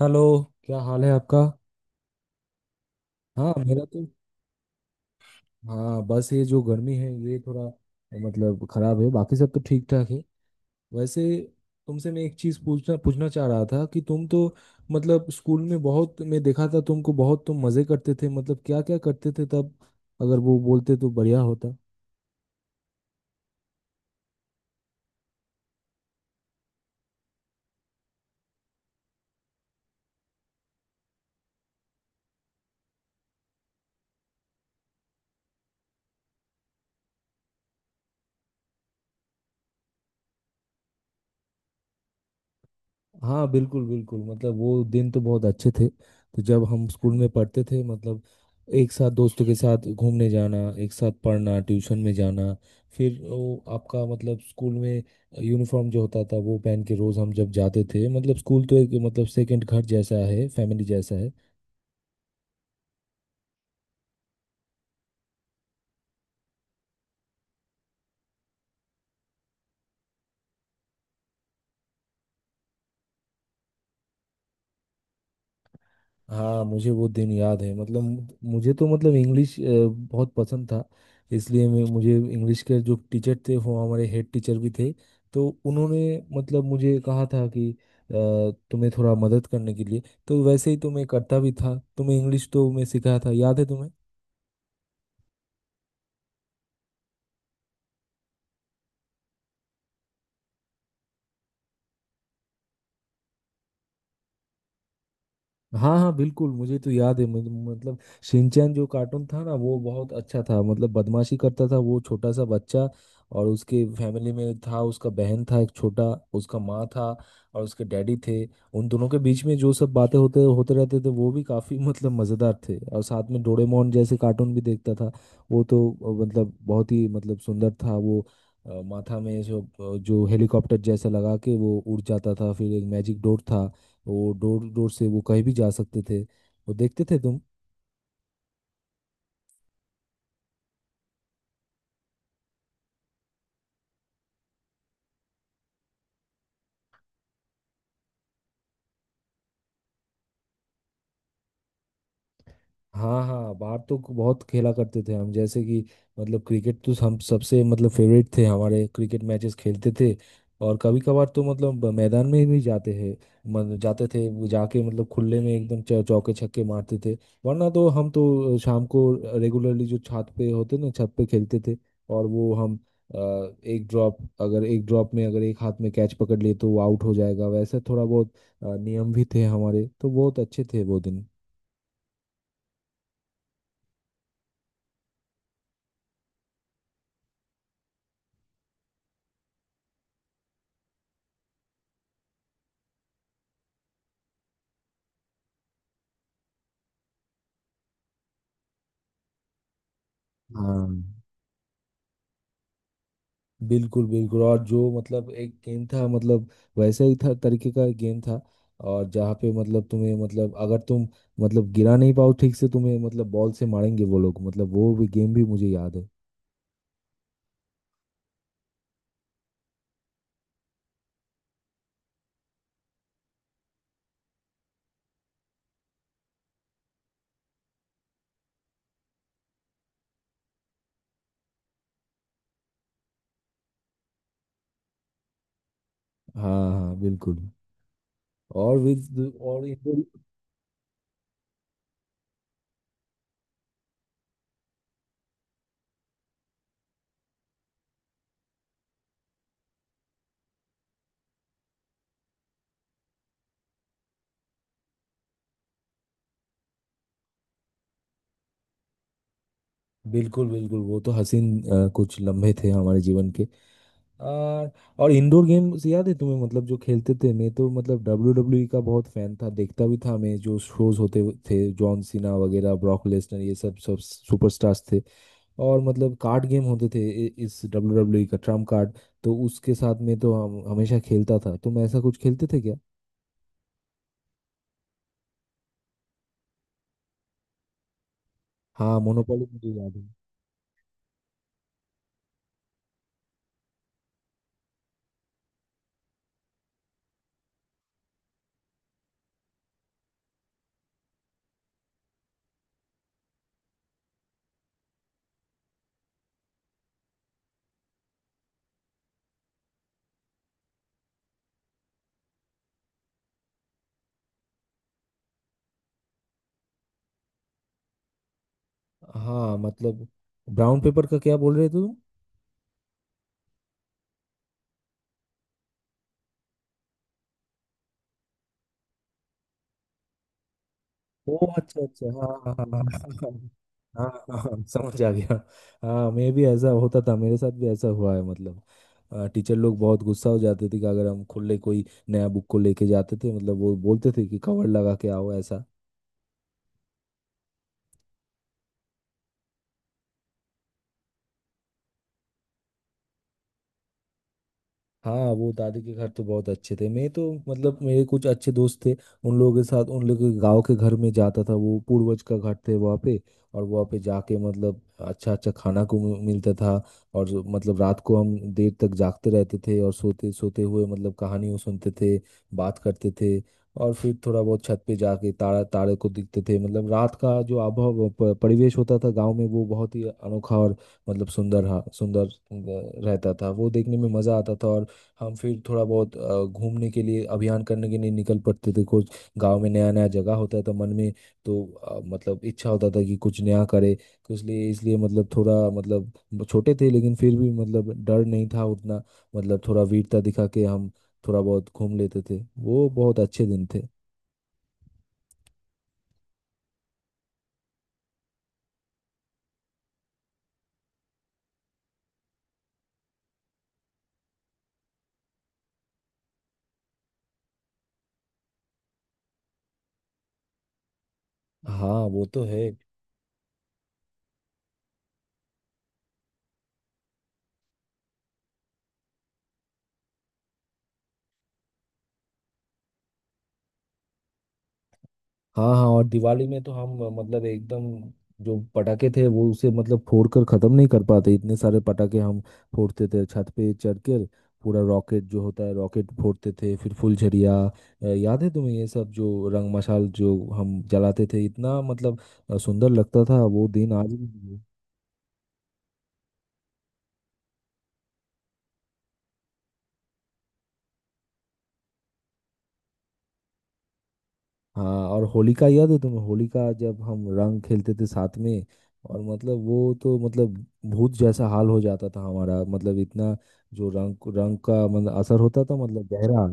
Hello. क्या हाल है आपका? हाँ, मेरा तो। हाँ, बस ये जो गर्मी है ये थोड़ा मतलब खराब है। बाकी सब तो ठीक ठाक है। वैसे तुमसे मैं एक चीज पूछना पूछना चाह रहा था कि तुम तो मतलब स्कूल में बहुत, मैं देखा था तुमको बहुत तुम मजे करते थे, मतलब क्या क्या करते थे तब। अगर वो बोलते तो बढ़िया होता। हाँ बिल्कुल बिल्कुल, मतलब वो दिन तो बहुत अच्छे थे, तो जब हम स्कूल में पढ़ते थे मतलब एक साथ दोस्तों के साथ घूमने जाना, एक साथ पढ़ना, ट्यूशन में जाना। फिर वो आपका मतलब स्कूल में यूनिफॉर्म जो होता था वो पहन के रोज़ हम जब जाते थे मतलब स्कूल, तो एक मतलब सेकंड घर जैसा है, फैमिली जैसा है। हाँ मुझे वो दिन याद है, मतलब मुझे तो मतलब इंग्लिश बहुत पसंद था। इसलिए मैं, मुझे इंग्लिश के जो टीचर थे वो हमारे हेड टीचर भी थे, तो उन्होंने मतलब मुझे कहा था कि तुम्हें थोड़ा मदद करने के लिए। तो वैसे ही तो मैं करता भी था, तो मैं इंग्लिश तो मैं सिखाया था, याद है तुम्हें? हाँ हाँ बिल्कुल, मुझे तो याद है। मतलब शिनचैन जो कार्टून था ना वो बहुत अच्छा था, मतलब बदमाशी करता था वो छोटा सा बच्चा। और उसके फैमिली में था, उसका बहन था एक छोटा, उसका माँ था, और उसके डैडी थे। उन दोनों के बीच में जो सब बातें होते होते रहते थे वो भी काफ़ी मतलब मज़ेदार थे, और साथ में डोरेमोन जैसे कार्टून भी देखता था। वो तो मतलब बहुत ही मतलब सुंदर था वो। माथा में जो, जो हेलीकॉप्टर जैसा लगा के वो उड़ जाता था, फिर एक मैजिक डोर था। वो डोर डोर से वो कहीं भी जा सकते थे, वो देखते थे तुम? हाँ हाँ, बाहर तो बहुत खेला करते थे हम, जैसे कि मतलब क्रिकेट तो हम सबसे मतलब फेवरेट थे, हमारे क्रिकेट मैचेस खेलते थे। और कभी कभार तो मतलब मैदान में भी जाते हैं, मतलब जाते थे, वो जाके मतलब खुले में एकदम चौके छक्के मारते थे। वरना तो हम तो शाम को रेगुलरली, जो छत पे होते ना, छत पे खेलते थे। और वो हम अ, एक ड्रॉप, अगर एक ड्रॉप में अगर एक हाथ में कैच पकड़ लिए तो वो आउट हो जाएगा, वैसे थोड़ा बहुत नियम भी थे हमारे, तो बहुत अच्छे थे वो दिन। हाँ बिल्कुल बिल्कुल, और जो मतलब एक गेम था मतलब वैसा ही था तरीके का एक गेम था, और जहाँ पे मतलब तुम्हें मतलब अगर तुम मतलब गिरा नहीं पाओ ठीक से तुम्हें मतलब बॉल से मारेंगे वो लोग, मतलब वो भी गेम भी मुझे याद है। हाँ हाँ बिल्कुल, और विद और इंडोर। बिल्कुल बिल्कुल, वो तो हसीन कुछ लम्हे थे हमारे जीवन के। आ, और इंडोर गेम्स याद है तुम्हें, मतलब जो खेलते थे, मैं तो मतलब WW का बहुत फैन था, देखता भी था मैं, जो शोज होते हुए थे, जॉन सीना वगैरह, ब्रॉक लेसनर, ये सब सब सुपरस्टार्स थे। और मतलब कार्ड गेम होते थे, इस WW का ट्रम्प कार्ड। तो उसके साथ में तो हम हमेशा खेलता था, तुम ऐसा कुछ खेलते थे क्या? हाँ मोनोपोली मुझे याद है। हाँ मतलब ब्राउन पेपर का क्या बोल रहे थे तुम? ओह अच्छा अच्छा, हाँ हाँ हाँ हाँ हाँ। हाँ, हाँ, हाँ, हाँ, समझ आ गया। हाँ मैं भी ऐसा होता था, मेरे साथ भी ऐसा हुआ है, मतलब टीचर लोग बहुत गुस्सा हो जाते थे कि अगर हम खुले कोई नया बुक को लेके जाते थे, मतलब वो बोलते थे कि कवर लगा के आओ, ऐसा। हाँ वो दादी के घर तो बहुत अच्छे थे, मैं तो मतलब मेरे कुछ अच्छे दोस्त थे, उन लोगों के साथ उन लोगों के गांव के घर में जाता था, वो पूर्वज का घर थे वहाँ पे। और वहाँ पे जाके मतलब अच्छा अच्छा खाना को मिलता था। और मतलब रात को हम देर तक जागते रहते थे, और सोते सोते हुए मतलब कहानियों सुनते थे, बात करते थे। और फिर थोड़ा बहुत छत पे जाके तारा तारे को देखते थे, मतलब रात का जो आबहवा परिवेश होता था गांव में, वो बहुत ही अनोखा और मतलब सुंदर सुंदर रहता था। वो देखने में मजा आता था, और हम फिर थोड़ा बहुत घूमने के लिए, अभियान करने के लिए निकल पड़ते थे। कुछ गांव में नया नया जगह होता था मन में, तो मतलब इच्छा होता था कि कुछ नया करे। तो इसलिए इसलिए मतलब थोड़ा मतलब छोटे थे, लेकिन फिर भी मतलब डर नहीं था उतना, मतलब थोड़ा वीरता दिखा के हम थोड़ा बहुत घूम लेते थे, वो बहुत अच्छे दिन थे। हाँ वो तो है। हाँ हाँ, और दिवाली में तो हम मतलब एकदम, जो पटाखे थे वो उसे मतलब फोड़ कर खत्म नहीं कर पाते, इतने सारे पटाखे हम फोड़ते थे छत पे चढ़ कर। पूरा रॉकेट जो होता है, रॉकेट फोड़ते थे, फिर फुलझड़िया। याद है तुम्हें ये सब, जो रंग मशाल जो हम जलाते थे, इतना मतलब सुंदर लगता था वो दिन आज भी। हाँ और होलिका याद है तुम्हें, होलिका जब हम रंग खेलते थे साथ में। और मतलब वो तो मतलब भूत जैसा हाल हो जाता था हमारा, मतलब इतना जो रंग रंग का मतलब असर होता था, मतलब गहरा।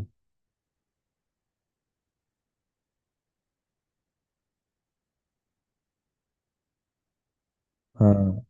हाँ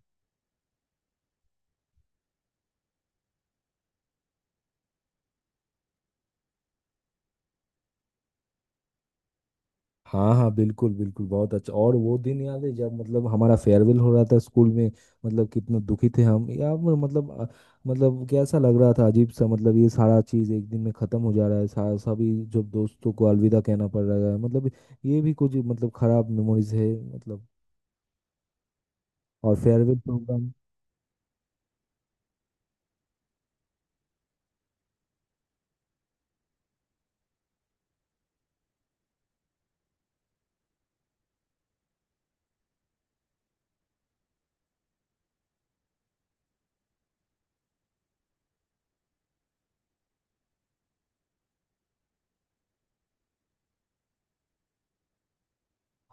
हाँ हाँ बिल्कुल बिल्कुल बहुत अच्छा, और वो दिन याद है जब मतलब हमारा फेयरवेल हो रहा था स्कूल में, मतलब कितना दुखी थे हम, या वो मतलब मतलब कैसा लग रहा था अजीब सा, मतलब ये सारा चीज़ एक दिन में ख़त्म हो जा रहा है, सभी जब दोस्तों को अलविदा कहना पड़ रहा है, मतलब ये भी कुछ मतलब खराब मेमोरीज है, मतलब, और फेयरवेल प्रोग्राम।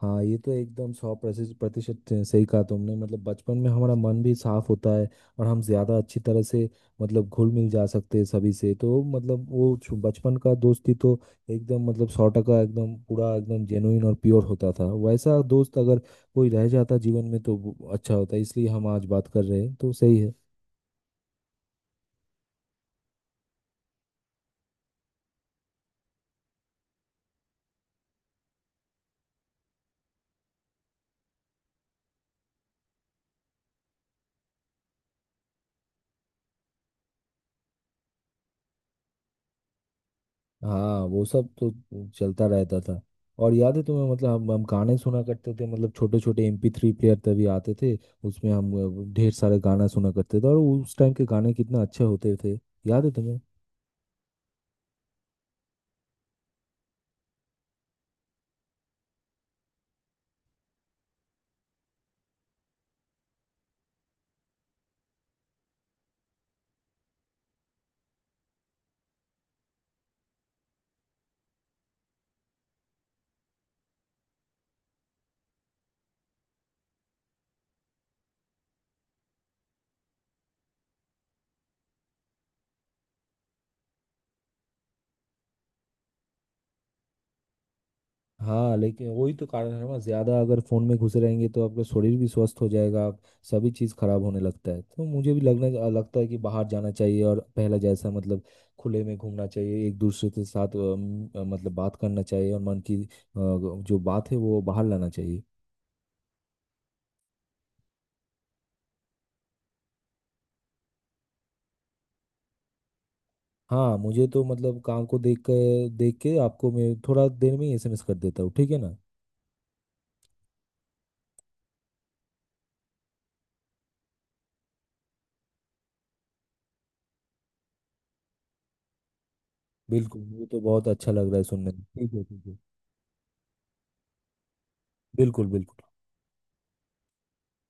हाँ ये तो एकदम सौ प्रतिशत प्रतिशत सही कहा तुमने, मतलब बचपन में हमारा मन भी साफ होता है। और हम ज्यादा अच्छी तरह से मतलब घुल मिल जा सकते हैं सभी से, तो मतलब वो बचपन का दोस्ती तो एकदम मतलब 100 टका एकदम पूरा एकदम जेनुइन और प्योर होता था। वैसा दोस्त अगर कोई रह जाता जीवन में तो वो अच्छा होता, इसलिए हम आज बात कर रहे हैं तो सही है। हाँ वो सब तो चलता रहता था। और याद है तुम्हें मतलब हम गाने सुना करते थे, मतलब छोटे छोटे MP3 प्लेयर तभी आते थे। उसमें हम ढेर सारे गाना सुना करते थे, और उस टाइम के गाने कितना अच्छे होते थे, याद है तुम्हें? हाँ लेकिन वही तो कारण है ना, ज्यादा अगर फोन में घुसे रहेंगे तो आपका शरीर भी स्वस्थ हो जाएगा, आप, सभी चीज खराब होने लगता है। तो मुझे भी लगने लगता है कि बाहर जाना चाहिए, और पहला जैसा मतलब खुले में घूमना चाहिए एक दूसरे के साथ, मतलब बात करना चाहिए, और मन की जो बात है वो बाहर लाना चाहिए। हाँ मुझे तो मतलब काम को देख के आपको मैं थोड़ा देर में ही SMS कर देता हूँ, ठीक है ना? बिल्कुल, मुझे तो बहुत अच्छा लग रहा है सुनने में, ठीक है ठीक है। बिल्कुल बिल्कुल।